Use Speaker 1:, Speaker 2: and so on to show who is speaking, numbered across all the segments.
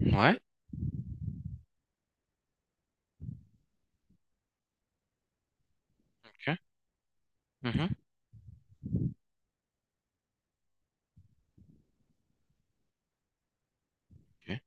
Speaker 1: Ouais, ok. Mhm. Ok.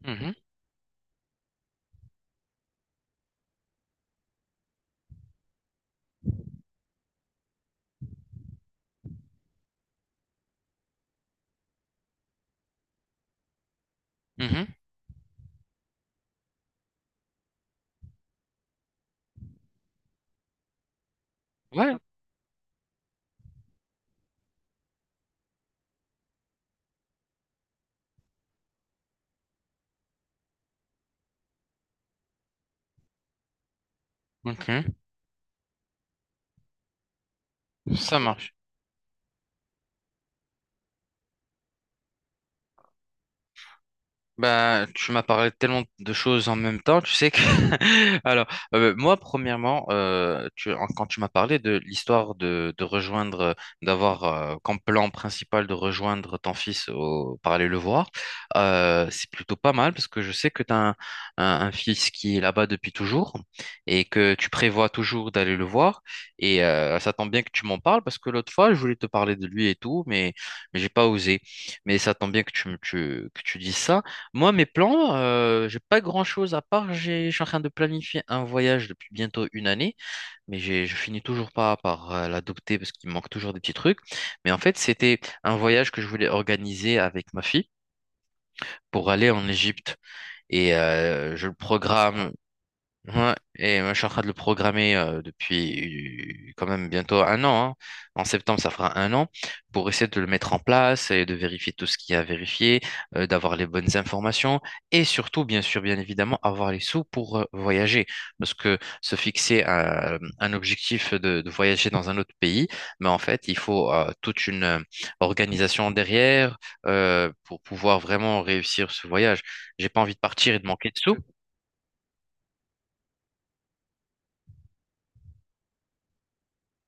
Speaker 1: Mhm. Mhm. Ouais, ok. Ça marche. Ben, tu m'as parlé de tellement de choses en même temps, tu sais que... Alors, moi, premièrement, quand tu m'as parlé de l'histoire de rejoindre, d'avoir comme plan principal de rejoindre ton fils par aller le voir, c'est plutôt pas mal parce que je sais que tu as un, un fils qui est là-bas depuis toujours et que tu prévois toujours d'aller le voir. Et ça tombe bien que tu m'en parles parce que l'autre fois, je voulais te parler de lui et tout, mais j'ai pas osé. Mais ça tombe bien que tu dises ça. Moi, mes plans, j'ai pas grand-chose à part. Je suis en train de planifier un voyage depuis bientôt une année, mais je finis toujours pas par l'adopter parce qu'il me manque toujours des petits trucs. Mais en fait, c'était un voyage que je voulais organiser avec ma fille pour aller en Égypte. Et je le programme. Ouais, et moi je suis en train de le programmer depuis quand même bientôt un an, hein. En septembre, ça fera un an pour essayer de le mettre en place et de vérifier tout ce qu'il y a à vérifier, d'avoir les bonnes informations et surtout, bien sûr, bien évidemment, avoir les sous pour voyager. Parce que se fixer un objectif de voyager dans un autre pays, mais en fait, il faut toute une organisation derrière pour pouvoir vraiment réussir ce voyage. J'ai pas envie de partir et de manquer de sous.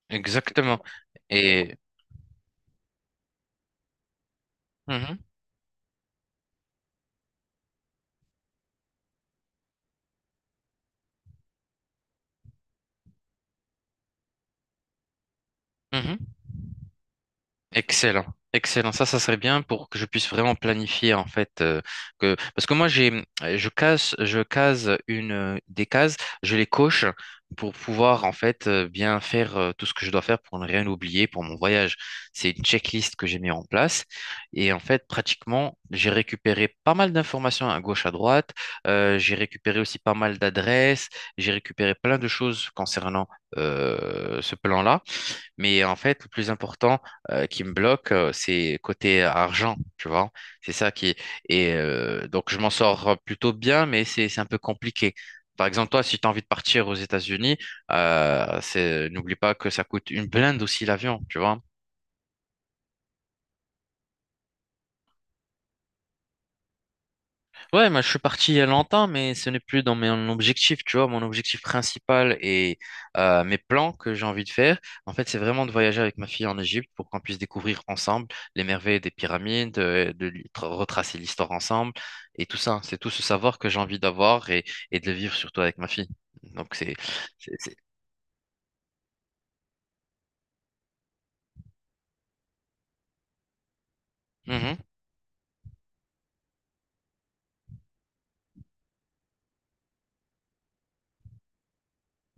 Speaker 1: Exactement. Et mhm, mhm. Excellent, excellent. Ça serait bien pour que je puisse vraiment planifier en fait, que parce que moi j'ai je case une des cases, je les coche pour pouvoir en fait bien faire tout ce que je dois faire pour ne rien oublier pour mon voyage. C'est une checklist que j'ai mis en place et en fait pratiquement j'ai récupéré pas mal d'informations à gauche à droite. J'ai récupéré aussi pas mal d'adresses. J'ai récupéré plein de choses concernant ce plan-là. Mais en fait, le plus important qui me bloque, c'est côté argent, tu vois. C'est ça qui, et donc je m'en sors plutôt bien, mais c'est un peu compliqué. Par exemple, toi, si tu as envie de partir aux États-Unis, c'est n'oublie pas que ça coûte une blinde aussi l'avion, tu vois. Ouais, moi, je suis parti il y a longtemps, mais ce n'est plus dans mon objectif, tu vois. Mon objectif principal et mes plans que j'ai envie de faire, en fait, c'est vraiment de voyager avec ma fille en Égypte pour qu'on puisse découvrir ensemble les merveilles des pyramides, retracer l'histoire ensemble et tout ça. C'est tout ce savoir que j'ai envie d'avoir et de le vivre surtout avec ma fille. Donc, c'est, mhm,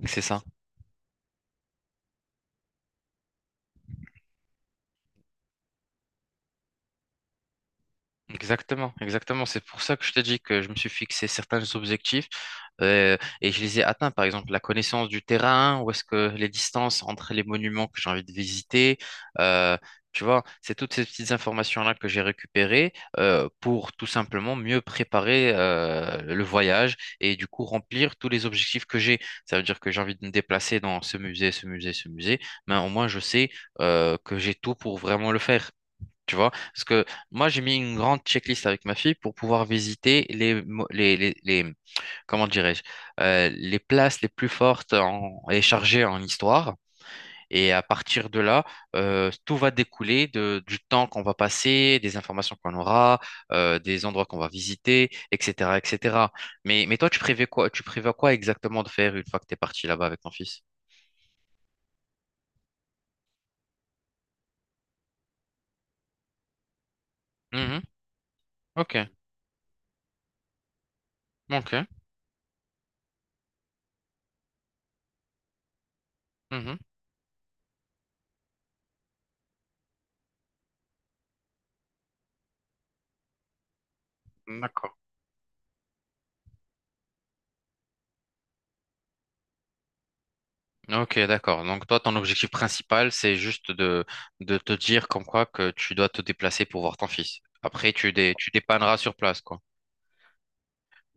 Speaker 1: c'est ça. Exactement, exactement. C'est pour ça que je t'ai dit que je me suis fixé certains objectifs et je les ai atteints. Par exemple, la connaissance du terrain, où est-ce que les distances entre les monuments que j'ai envie de visiter, euh, tu vois, c'est toutes ces petites informations-là que j'ai récupérées pour tout simplement mieux préparer le voyage et du coup remplir tous les objectifs que j'ai. Ça veut dire que j'ai envie de me déplacer dans ce musée, ce musée, ce musée, mais au moins je sais que j'ai tout pour vraiment le faire. Tu vois, parce que moi j'ai mis une grande checklist avec ma fille pour pouvoir visiter les comment dirais-je, les places les plus fortes et chargées en histoire. Et à partir de là, tout va découler du temps qu'on va passer, des informations qu'on aura, des endroits qu'on va visiter, etc., etc. Mais toi, tu prévois quoi exactement de faire une fois que tu es parti là-bas avec ton fils? Mhm. Ok, ok. Mhm. D'accord. Ok, d'accord. Donc toi, ton objectif principal, c'est juste de te dire comme quoi que tu dois te déplacer pour voir ton fils. Après, tu dépanneras sur place, quoi.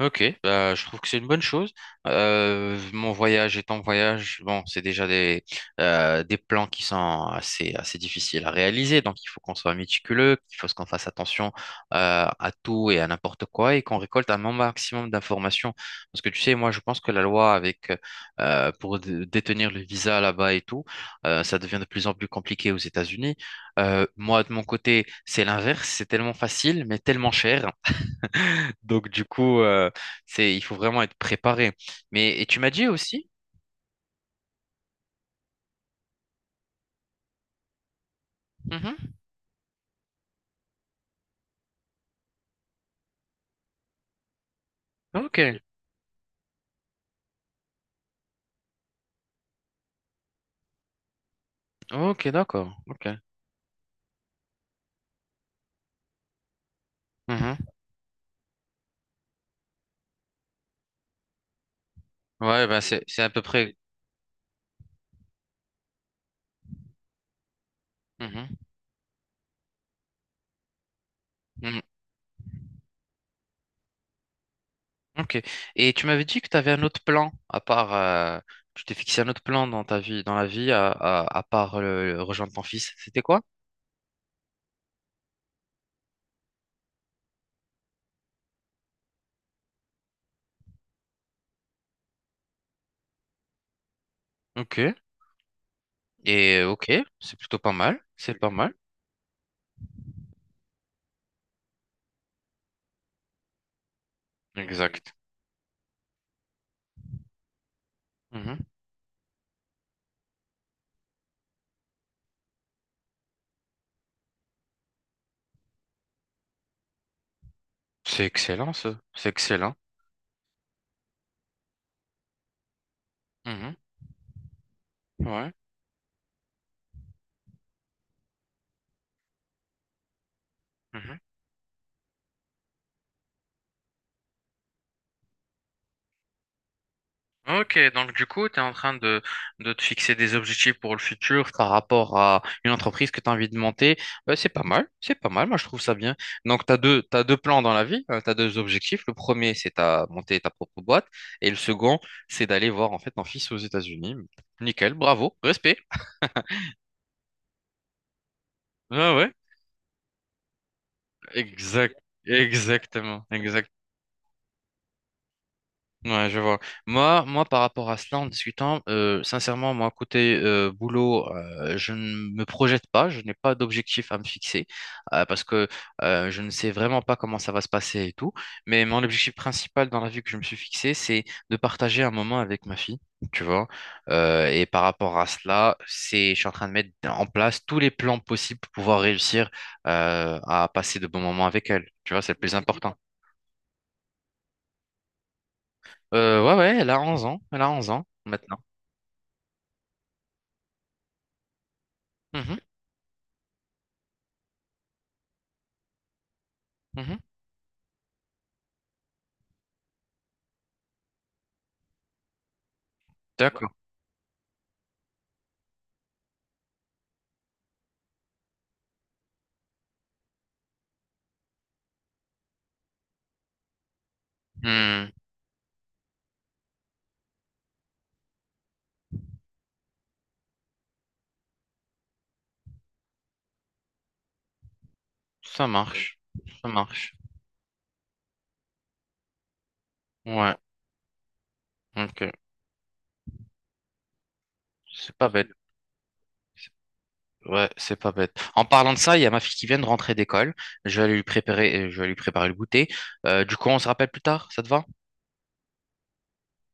Speaker 1: Ok, bah, je trouve que c'est une bonne chose. Mon voyage et ton voyage, bon, c'est déjà des plans qui sont assez, assez difficiles à réaliser. Donc, il faut qu'on soit méticuleux, il faut qu'on fasse attention à tout et à n'importe quoi et qu'on récolte un maximum d'informations. Parce que tu sais, moi, je pense que la loi avec pour détenir le visa là-bas et tout, ça devient de plus en plus compliqué aux États-Unis. Moi, de mon côté, c'est l'inverse. C'est tellement facile, mais tellement cher. Donc, du coup, il faut vraiment être préparé. Mais, et tu m'as dit aussi? Mhm. Ok, ok, d'accord. Ok. Mhm. Ouais, ben c'est à peu près. Mhm. Mhm. Ok. Et tu m'avais dit que tu avais un autre plan, à part. Tu t'es fixé un autre plan dans ta vie, dans la vie, à part rejoindre ton fils. C'était quoi? Ok. Et ok, c'est plutôt pas mal. C'est pas mal. Exact. Mhm. C'est excellent, ça. C'est excellent. Mhm. Ouais. Mhm. Ok, donc du coup, tu es en train de te fixer des objectifs pour le futur par rapport à une entreprise que tu as envie de monter. C'est pas mal, c'est pas mal, moi je trouve ça bien. Donc t'as deux plans dans la vie, tu as deux objectifs. Le premier, c'est de monter ta propre boîte. Et le second, c'est d'aller voir en fait ton fils aux États-Unis. Nickel, bravo, respect. Ah ouais, exact, exactement, exactement. Ouais, je vois. Moi, par rapport à cela, en discutant, sincèrement, moi, côté boulot, je ne me projette pas, je n'ai pas d'objectif à me fixer parce que je ne sais vraiment pas comment ça va se passer et tout. Mais mon objectif principal dans la vie que je me suis fixé, c'est de partager un moment avec ma fille, tu vois. Et par rapport à cela, je suis en train de mettre en place tous les plans possibles pour pouvoir réussir à passer de bons moments avec elle. Tu vois, c'est le plus important. Ouais, ouais, elle a 11 ans, elle a 11 ans maintenant. Mhm, mhm. Ouais. D'accord. Hmm. Ça, ouais, marche. Ça marche. Ouais. Ok. C'est pas bête. Ouais, c'est pas bête. En parlant de ça, il y a ma fille qui vient de rentrer d'école. Je vais lui préparer le goûter. Du coup, on se rappelle plus tard, ça te va?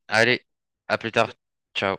Speaker 1: Allez, à plus tard. Ciao.